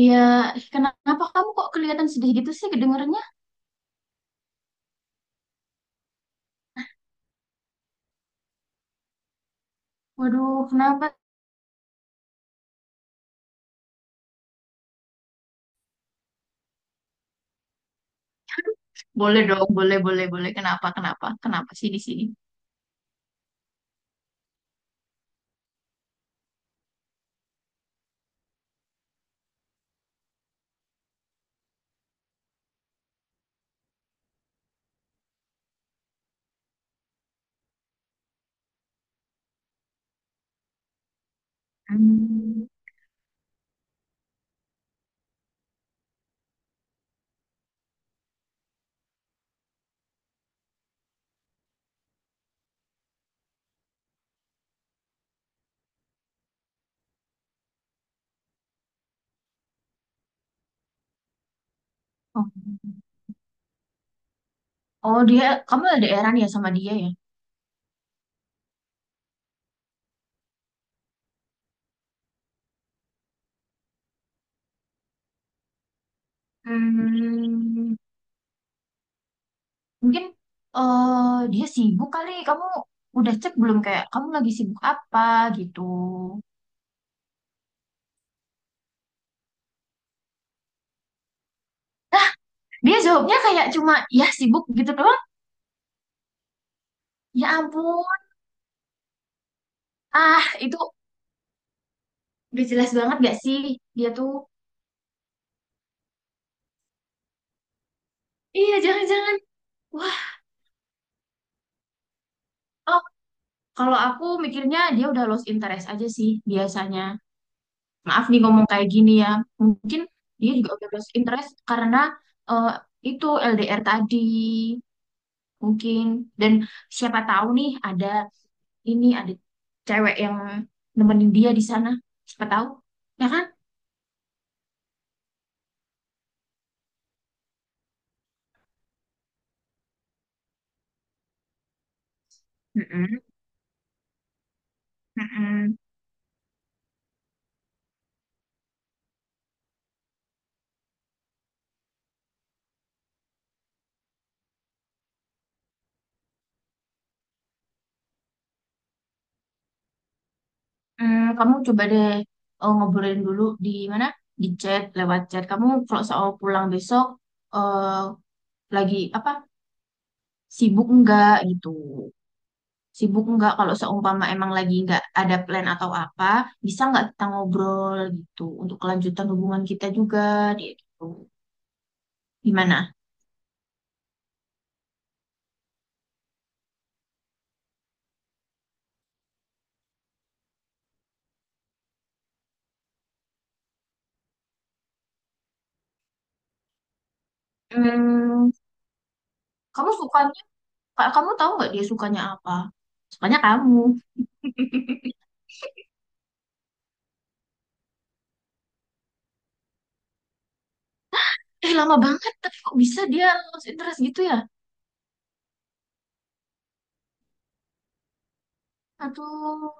Iya, ih, kenapa kamu kok kelihatan sedih gitu sih kedengarannya? Waduh, kenapa? Boleh dong, boleh, boleh, boleh. Kenapa, kenapa, kenapa sih di sini? Hmm. Oh. Oh, dia, kamu ada eran ya sama dia ya? Hmm, mungkin dia sibuk kali. Kamu udah cek belum kayak kamu lagi sibuk apa gitu? Dia jawabnya kayak cuma ya sibuk gitu doang. Ya ampun. Ah, itu udah jelas banget gak sih dia tuh? Iya, jangan-jangan. Wah. Kalau aku mikirnya dia udah lost interest aja sih biasanya. Maaf nih ngomong kayak gini ya. Mungkin dia juga udah lost interest karena eh, itu LDR tadi mungkin. Dan siapa tahu nih ada cewek yang nemenin dia di sana. Siapa tahu, ya kan? Mm-mm, mm-mm. Hmm, kamu coba deh ngobrolin dulu di mana? Di chat, lewat chat. Kamu kalau soal pulang besok, eh, lagi apa? Sibuk enggak gitu. Sibuk enggak kalau seumpama emang lagi enggak ada plan atau apa, bisa enggak kita ngobrol gitu untuk kelanjutan hubungan kita juga dia gitu. Gimana? Hmm, kamu sukanya, Kak, kamu tahu nggak dia sukanya apa? Sukanya kamu. Eh, lama banget, tapi kok bisa dia lost interest gitu ya? Atau,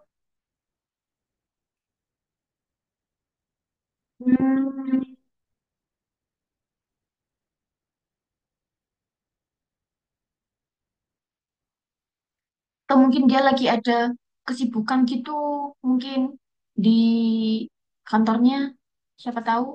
hmm, mungkin dia lagi ada kesibukan gitu, mungkin di kantornya, siapa tahu.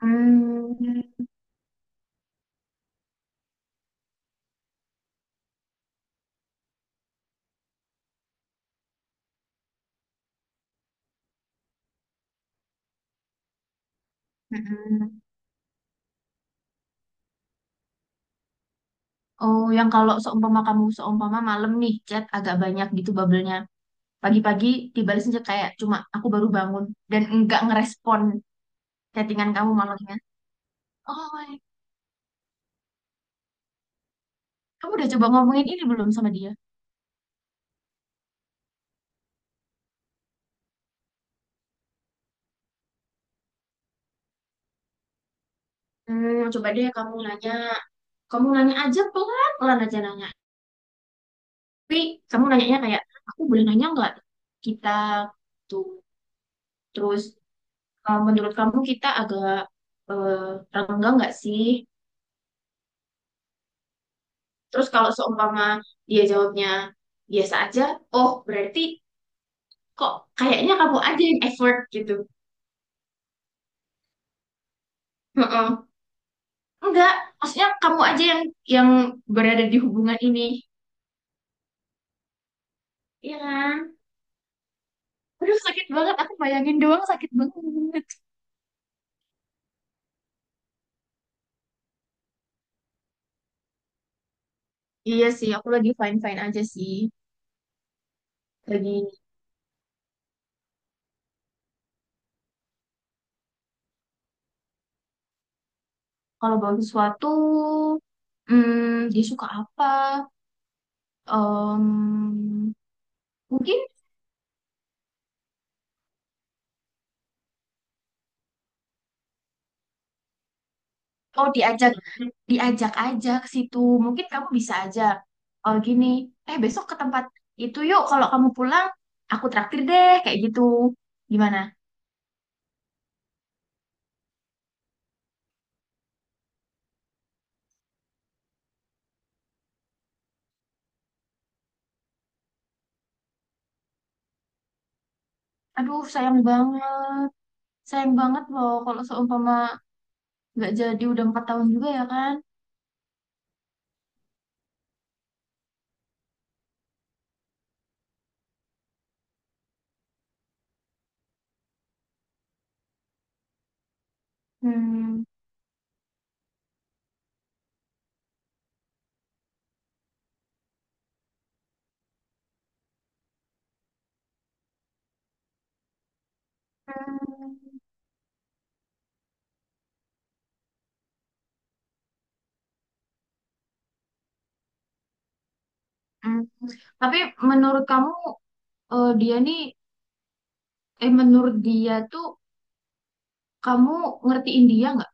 Hmm, mm-mm. Oh, yang kalau seumpama kamu seumpama malam nih chat agak banyak gitu bubble-nya. Pagi-pagi dibalas aja kayak cuma aku baru bangun dan enggak ngerespon chattingan kamu malamnya. Oh, my. Kamu udah coba ngomongin ini belum sama dia? Hmm, coba deh kamu nanya. Kamu nanya aja pelan-pelan aja nanya. Tapi kamu nanyanya kayak, aku boleh nanya nggak? Kita tuh. Terus, menurut kamu kita agak eh, renggang nggak sih? Terus kalau seumpama dia jawabnya biasa aja, oh berarti kok kayaknya kamu aja yang effort gitu. Heeh. Enggak, maksudnya kamu aja yang yang berada di hubungan ini. Iya kan? Aduh sakit banget, aku bayangin doang sakit banget. Iya sih, aku lagi fine-fine aja sih. Lagi kalau bawa sesuatu, hmm, dia suka apa? Em, mungkin mau diajak diajak aja ke situ. Mungkin kamu bisa aja oh gini, eh besok ke tempat itu yuk kalau kamu pulang aku traktir deh kayak gitu. Gimana? Aduh, sayang banget. Sayang banget loh kalau seumpama nggak jadi udah 4 tahun juga ya kan? Hmm. Hmm. Hmm. Tapi menurut kamu dia nih menurut dia tuh kamu ngertiin dia nggak?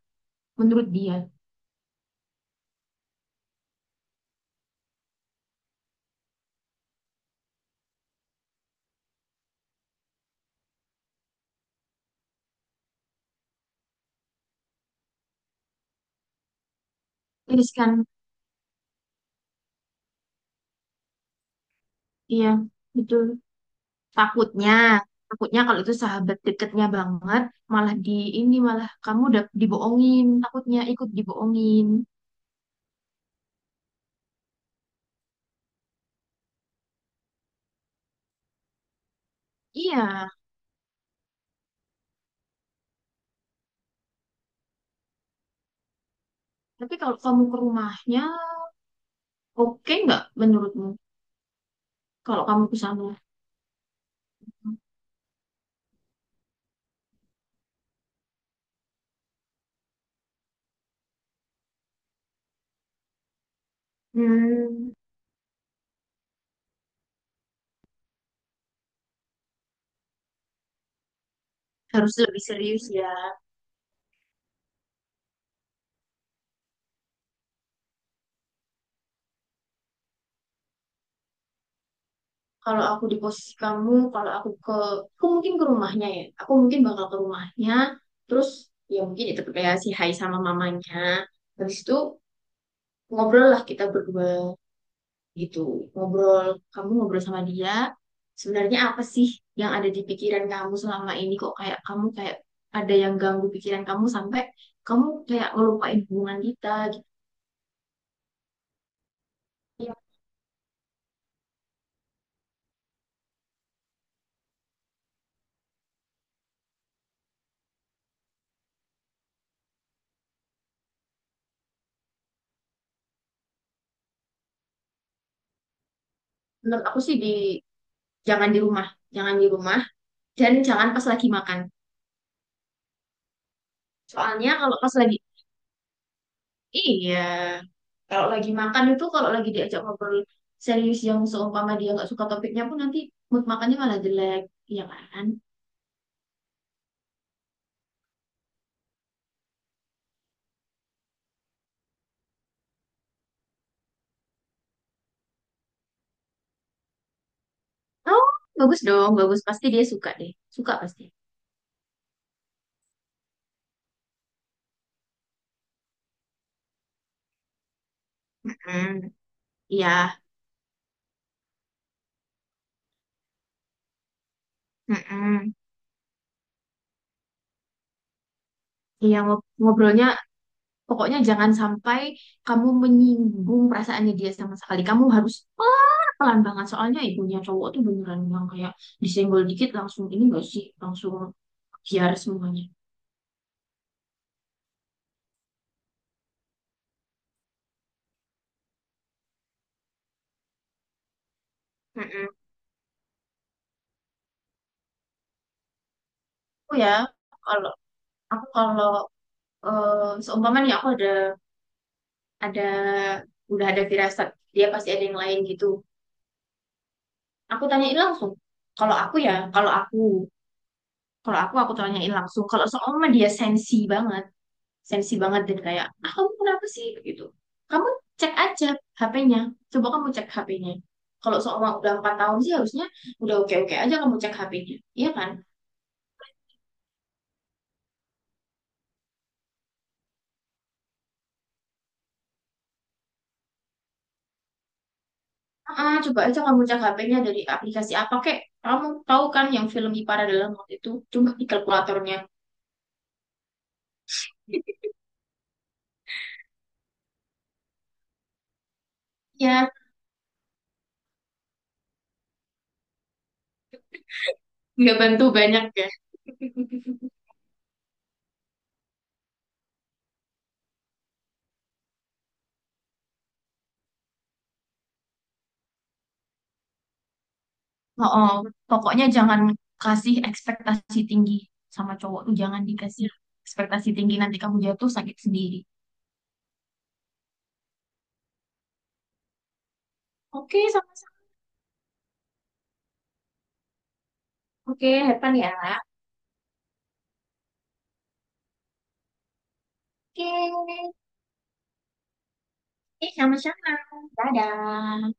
Menurut dia. Terus kan iya, betul. Takutnya, takutnya kalau itu sahabat deketnya banget, malah di ini malah kamu udah dibohongin, takutnya ikut dibohongin. Iya, tapi kalau kamu ke rumahnya, oke nggak menurutmu? Kalau kamu ke sana, hmm, harus lebih serius ya. Kalau aku di posisi kamu, aku mungkin ke rumahnya ya. Aku mungkin bakal ke rumahnya, terus ya mungkin itu kayak si Hai sama mamanya. Habis itu ngobrol lah kita berdua. Gitu ngobrol, kamu ngobrol sama dia sebenarnya apa sih yang ada di pikiran kamu selama ini, kok kayak kamu kayak ada yang ganggu pikiran kamu sampai kamu kayak ngelupain hubungan kita gitu. Ya, menurut aku sih di jangan di rumah jangan di rumah dan jangan pas lagi makan. Soalnya kalau pas lagi, iya, kalau lagi makan itu kalau lagi diajak ngobrol serius yang seumpama dia nggak suka topiknya pun nanti mood makannya malah jelek, iya kan? Oh, bagus dong, bagus. Pasti dia suka deh. Suka pasti. Hmm, iya. Mm-mm. Iya, ngobrolnya pokoknya jangan sampai kamu menyinggung perasaannya dia sama sekali. Kamu harus pelan-pelan banget. Soalnya ibunya cowok tuh beneran yang kayak disenggol dikit langsung ini gak sih? Langsung biar semuanya. Mm-mm. Aku ya, kalau aku kalau seumpamanya aku ada udah ada firasat dia pasti ada yang lain gitu. Aku tanyain langsung. Kalau aku ya, kalau aku aku tanyain langsung. Kalau seumpama dia sensi banget dan kayak, ah kamu kenapa sih gitu. Kamu cek aja HP-nya. Coba kamu cek HP-nya. Kalau seumpama udah 4 tahun sih harusnya udah oke-oke aja kamu cek HP-nya. Iya kan? Ah, coba aja kamu cek HP-nya dari aplikasi apa kek. Kamu tahu kan yang film Ipara dalam waktu itu cuma di kalkulatornya. Ya, nggak bantu banyak ya. Oh, pokoknya jangan kasih ekspektasi tinggi sama cowok tuh jangan dikasih ekspektasi tinggi nanti kamu jatuh sakit sendiri. Oke, sama-sama. Oke, Hepan ya. Oke, eh sama-sama. Dadah.